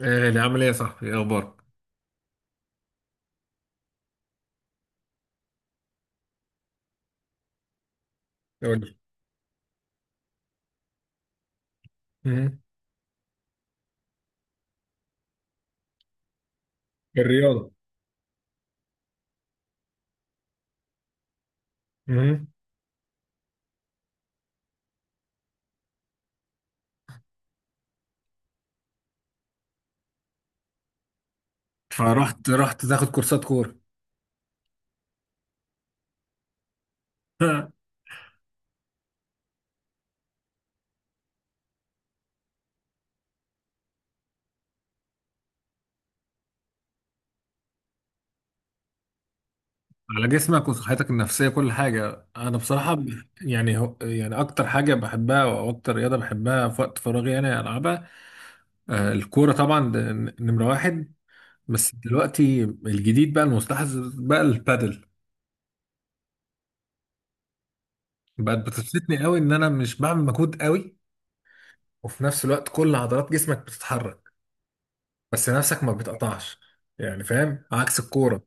ايه اللي عامل ايه يا صاحبي؟ ايه اخبارك؟ قول لي مهم. الرياضة مهم. فرحت رحت تاخد كورسات كوره. على جسمك وصحتك النفسيه كل حاجه. انا بصراحه هو يعني اكتر حاجه بحبها او اكتر رياضه بحبها في وقت فراغي انا العبها. الكوره طبعا ده نمره واحد. بس دلوقتي الجديد بقى المستحدث بقى البادل بقت بتبسطني قوي ان انا مش بعمل مجهود قوي، وفي نفس الوقت كل عضلات جسمك بتتحرك بس نفسك ما بتقطعش. يعني فاهم؟ عكس الكوره،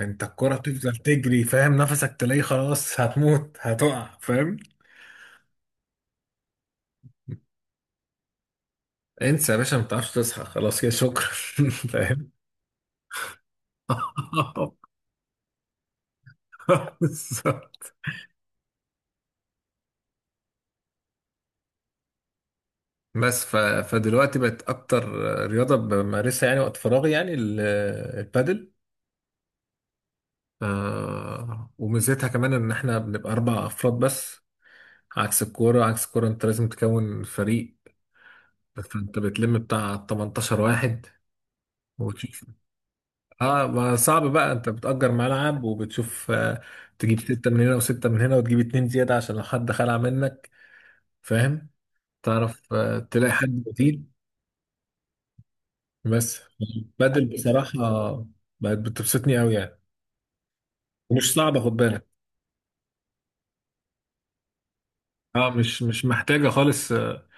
انت الكرة بتفضل تجري فاهم، نفسك تلاقيه خلاص هتموت هتقع فاهم. انسى يا باشا، ما بتعرفش تصحى خلاص، يا شكرا. فاهم. بالظبط. فدلوقتي بقت اكتر رياضة بمارسها يعني وقت فراغي، يعني البادل. آه، وميزتها كمان ان احنا بنبقى اربع افراد بس. عكس الكورة، عكس الكورة، انت لازم تكون فريق، فانت بتلم بتاع 18 واحد وتشوف. اه ما صعب بقى، انت بتأجر ملعب وبتشوف، تجيب ستة من هنا وستة من هنا وتجيب اتنين زيادة عشان لو حد خلع منك. فاهم؟ تعرف، تلاقي حد بديل. بس بدل بصراحة بقت بتبسطني قوي يعني، ومش صعبة خد بالك. اه مش محتاجة خالص،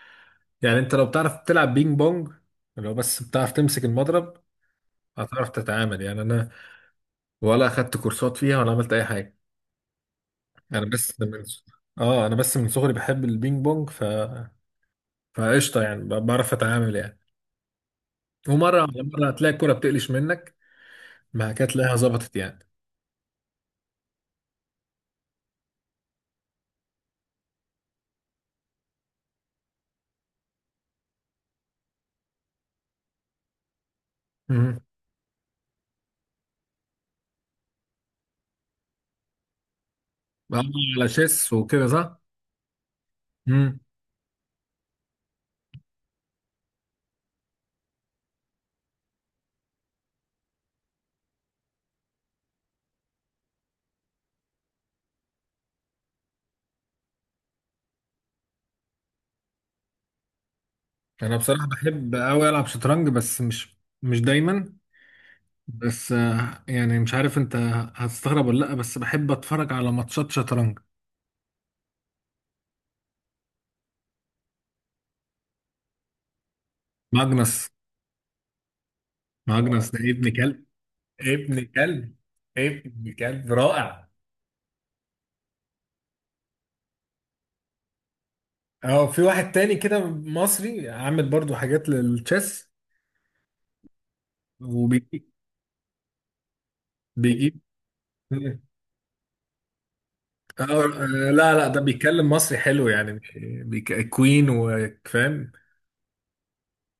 يعني انت لو بتعرف تلعب بينج بونج، لو بس بتعرف تمسك المضرب هتعرف تتعامل. يعني انا ولا اخدت كورسات فيها ولا عملت اي حاجة. انا بس من، اه انا بس من صغري بحب البينج بونج، فقشطه يعني، بعرف اتعامل يعني. ومره على مره هتلاقي الكوره بتقلش منك، ما كانت تلاقيها ظبطت يعني. امم. بقعد على شيس وكده، صح. امم. انا بصراحه بحب قوي العب شطرنج، بس مش دايما. بس يعني مش عارف انت هتستغرب ولا لا، بس بحب اتفرج على ماتشات شطرنج. ماجنس. ماجنس ده ابن كلب، ابن كلب، ابن كلب رائع. اه في واحد تاني كده مصري عامل برضو حاجات للتشيس وبيجيب، بيجيب. لا لا، ده بيتكلم مصري حلو يعني، مش كوين وفاهم.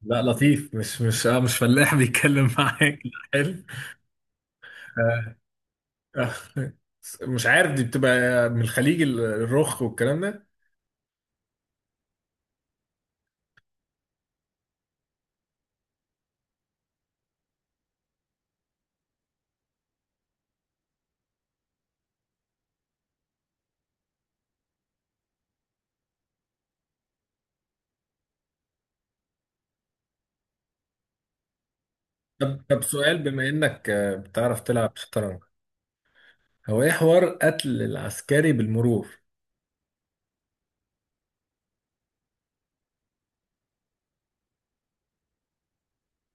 لا لطيف، مش فلاح بيتكلم معاك، لا حلو. آه. آه. مش عارف دي بتبقى من الخليج، الرخ والكلام ده. طب سؤال، بما انك بتعرف تلعب شطرنج، هو ايه حوار قتل العسكري بالمرور؟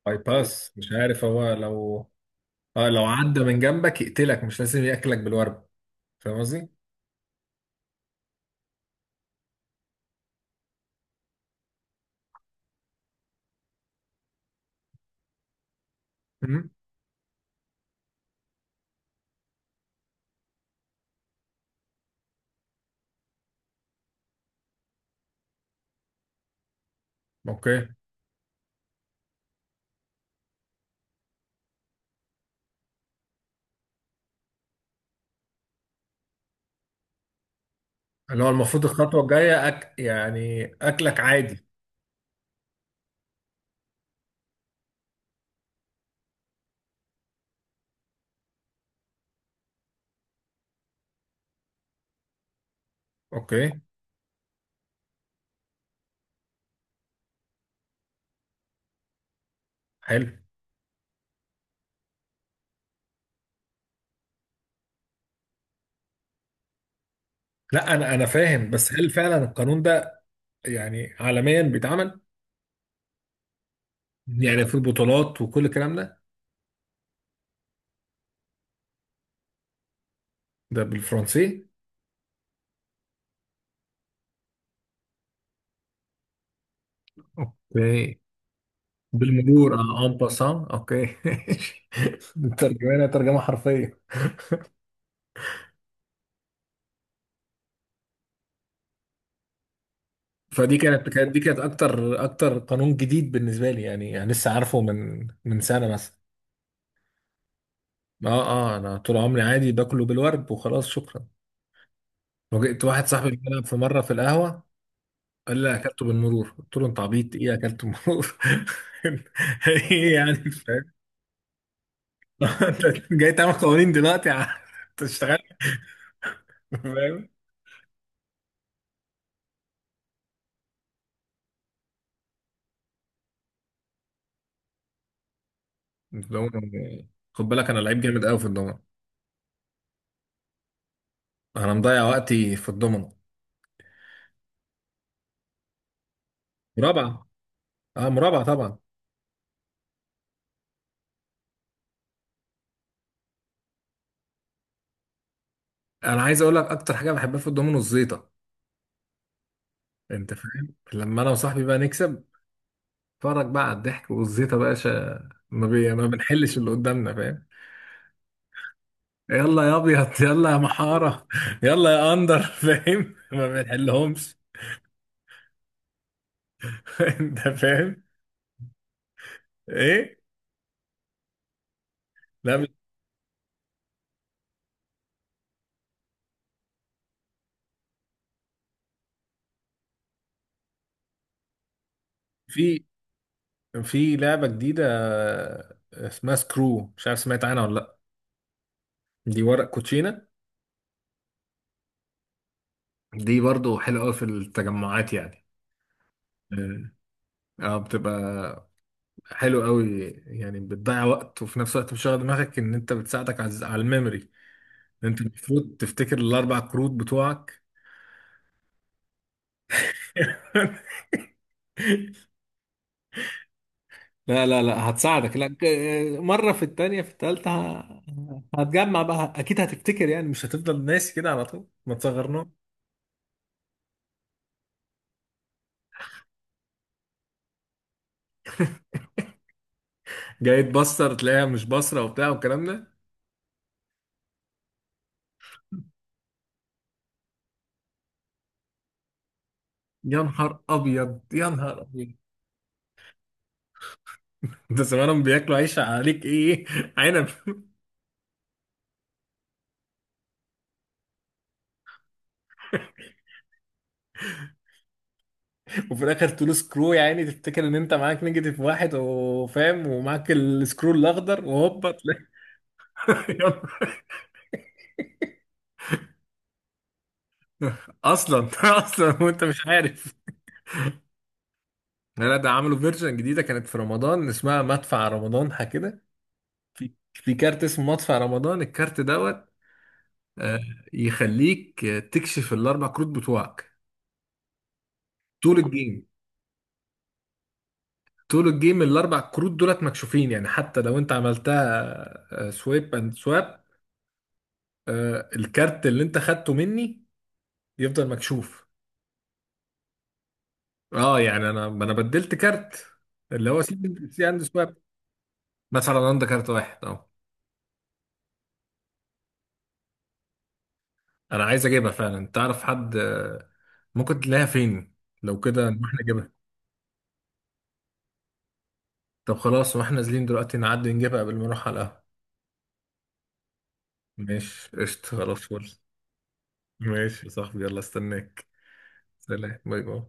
باي باس مش عارف. هو لو اه لو عدى من جنبك يقتلك، مش لازم ياكلك بالورب. فاهم قصدي؟ مم. اوكي. اللي هو المفروض الخطوة الجاية يعني أكلك عادي. أوكي. حلو. لا أنا فاهم، بس هل فعلا القانون ده، يعني عالميا بيتعمل؟ يعني في البطولات وكل الكلام ده؟ ده بالفرنسي؟ اوكي. بالمرور، اه، ان باسان. اوكي. ترجمة، ترجمة حرفية. فدي كانت، كانت دي كانت اكتر اكتر قانون جديد بالنسبة لي يعني, لسه عارفه من سنة مثلا. اه انا طول عمري عادي باكله بالورد وخلاص، شكرا. وجئت واحد صاحبي بيلعب في مره في القهوه، قال لي اكلته بالمرور، قلت له انت عبيط، ايه اكلته بالمرور؟ ايه يعني فاهم؟ انت جاي تعمل قوانين دلوقتي يا عم؟ انت اشتغلت فاهم. الدومنة- خد بالك انا لعيب جامد قوي في الضمنه. انا مضيع وقتي في الضمنه. مرابعه. اه مرابعه طبعا. انا عايز اقول لك اكتر حاجه بحبها في الضمنه، الزيطه. انت فاهم؟ لما انا وصاحبي بقى نكسب، اتفرج بقى على الضحك والزيطه بقى، شا... ما, بي... ما بنحلش اللي قدامنا فاهم. يلا يا ابيض، يلا يا محاره، يلا يا اندر فاهم. ما بنحلهمش. انت فاهم؟ ايه؟ لا في لعبه جديده، اسمها سكرو، مش عارف سمعت عنها ولا لا؟ دي ورق كوتشينه. دي برضو حلوه قوي في التجمعات يعني. اه، آه، بتبقى حلو قوي يعني. بتضيع وقت وفي نفس الوقت بتشغل دماغك ان انت، بتساعدك على الميموري، ان انت المفروض تفتكر الاربع كروت بتوعك. لا هتساعدك، لا، مرة في التانية في التالتة هتجمع بقى. أكيد هتفتكر يعني، مش هتفضل ناسي كده على طول، ما تصغرناش. جاي تبصر تلاقيها مش بصرة وبتاع والكلام ده. يا نهار أبيض، يا نهار أبيض. أنت زمانهم بياكلوا عيش عليك، إيه عنب. وفي الآخر تقول سكرو يا عيني، تفتكر إن أنت معاك نيجاتيف واحد وفاهم، ومعاك السكرو الأخضر، وهوبا تلاقي. يا نهار. أصلا أصلا وأنت مش عارف. لا ده عملوا فيرجن جديدة، كانت في رمضان، اسمها مدفع رمضان، حاجة كده. في كارت اسمه مدفع رمضان، الكارت دوت، آه، يخليك، تكشف الأربع كروت بتوعك طول الجيم. طول الجيم الأربع كروت دولت مكشوفين، يعني حتى لو أنت عملتها سويب أند سواب، الكارت اللي أنت خدته مني يفضل مكشوف. أه يعني أنا بدلت كارت، اللي هو سي، سي أند سواب. مدفع رمضان ده كارت واحد أه. انا عايز اجيبها فعلا. تعرف حد، ممكن تلاقيها فين؟ لو كده نروح نجيبها. طب خلاص، واحنا نازلين دلوقتي نعدي نجيبها قبل ما نروح على القهوة. ماشي، قشطة، خلاص، فل. ماشي يا صاحبي، يلا استناك. سلام. باي باي.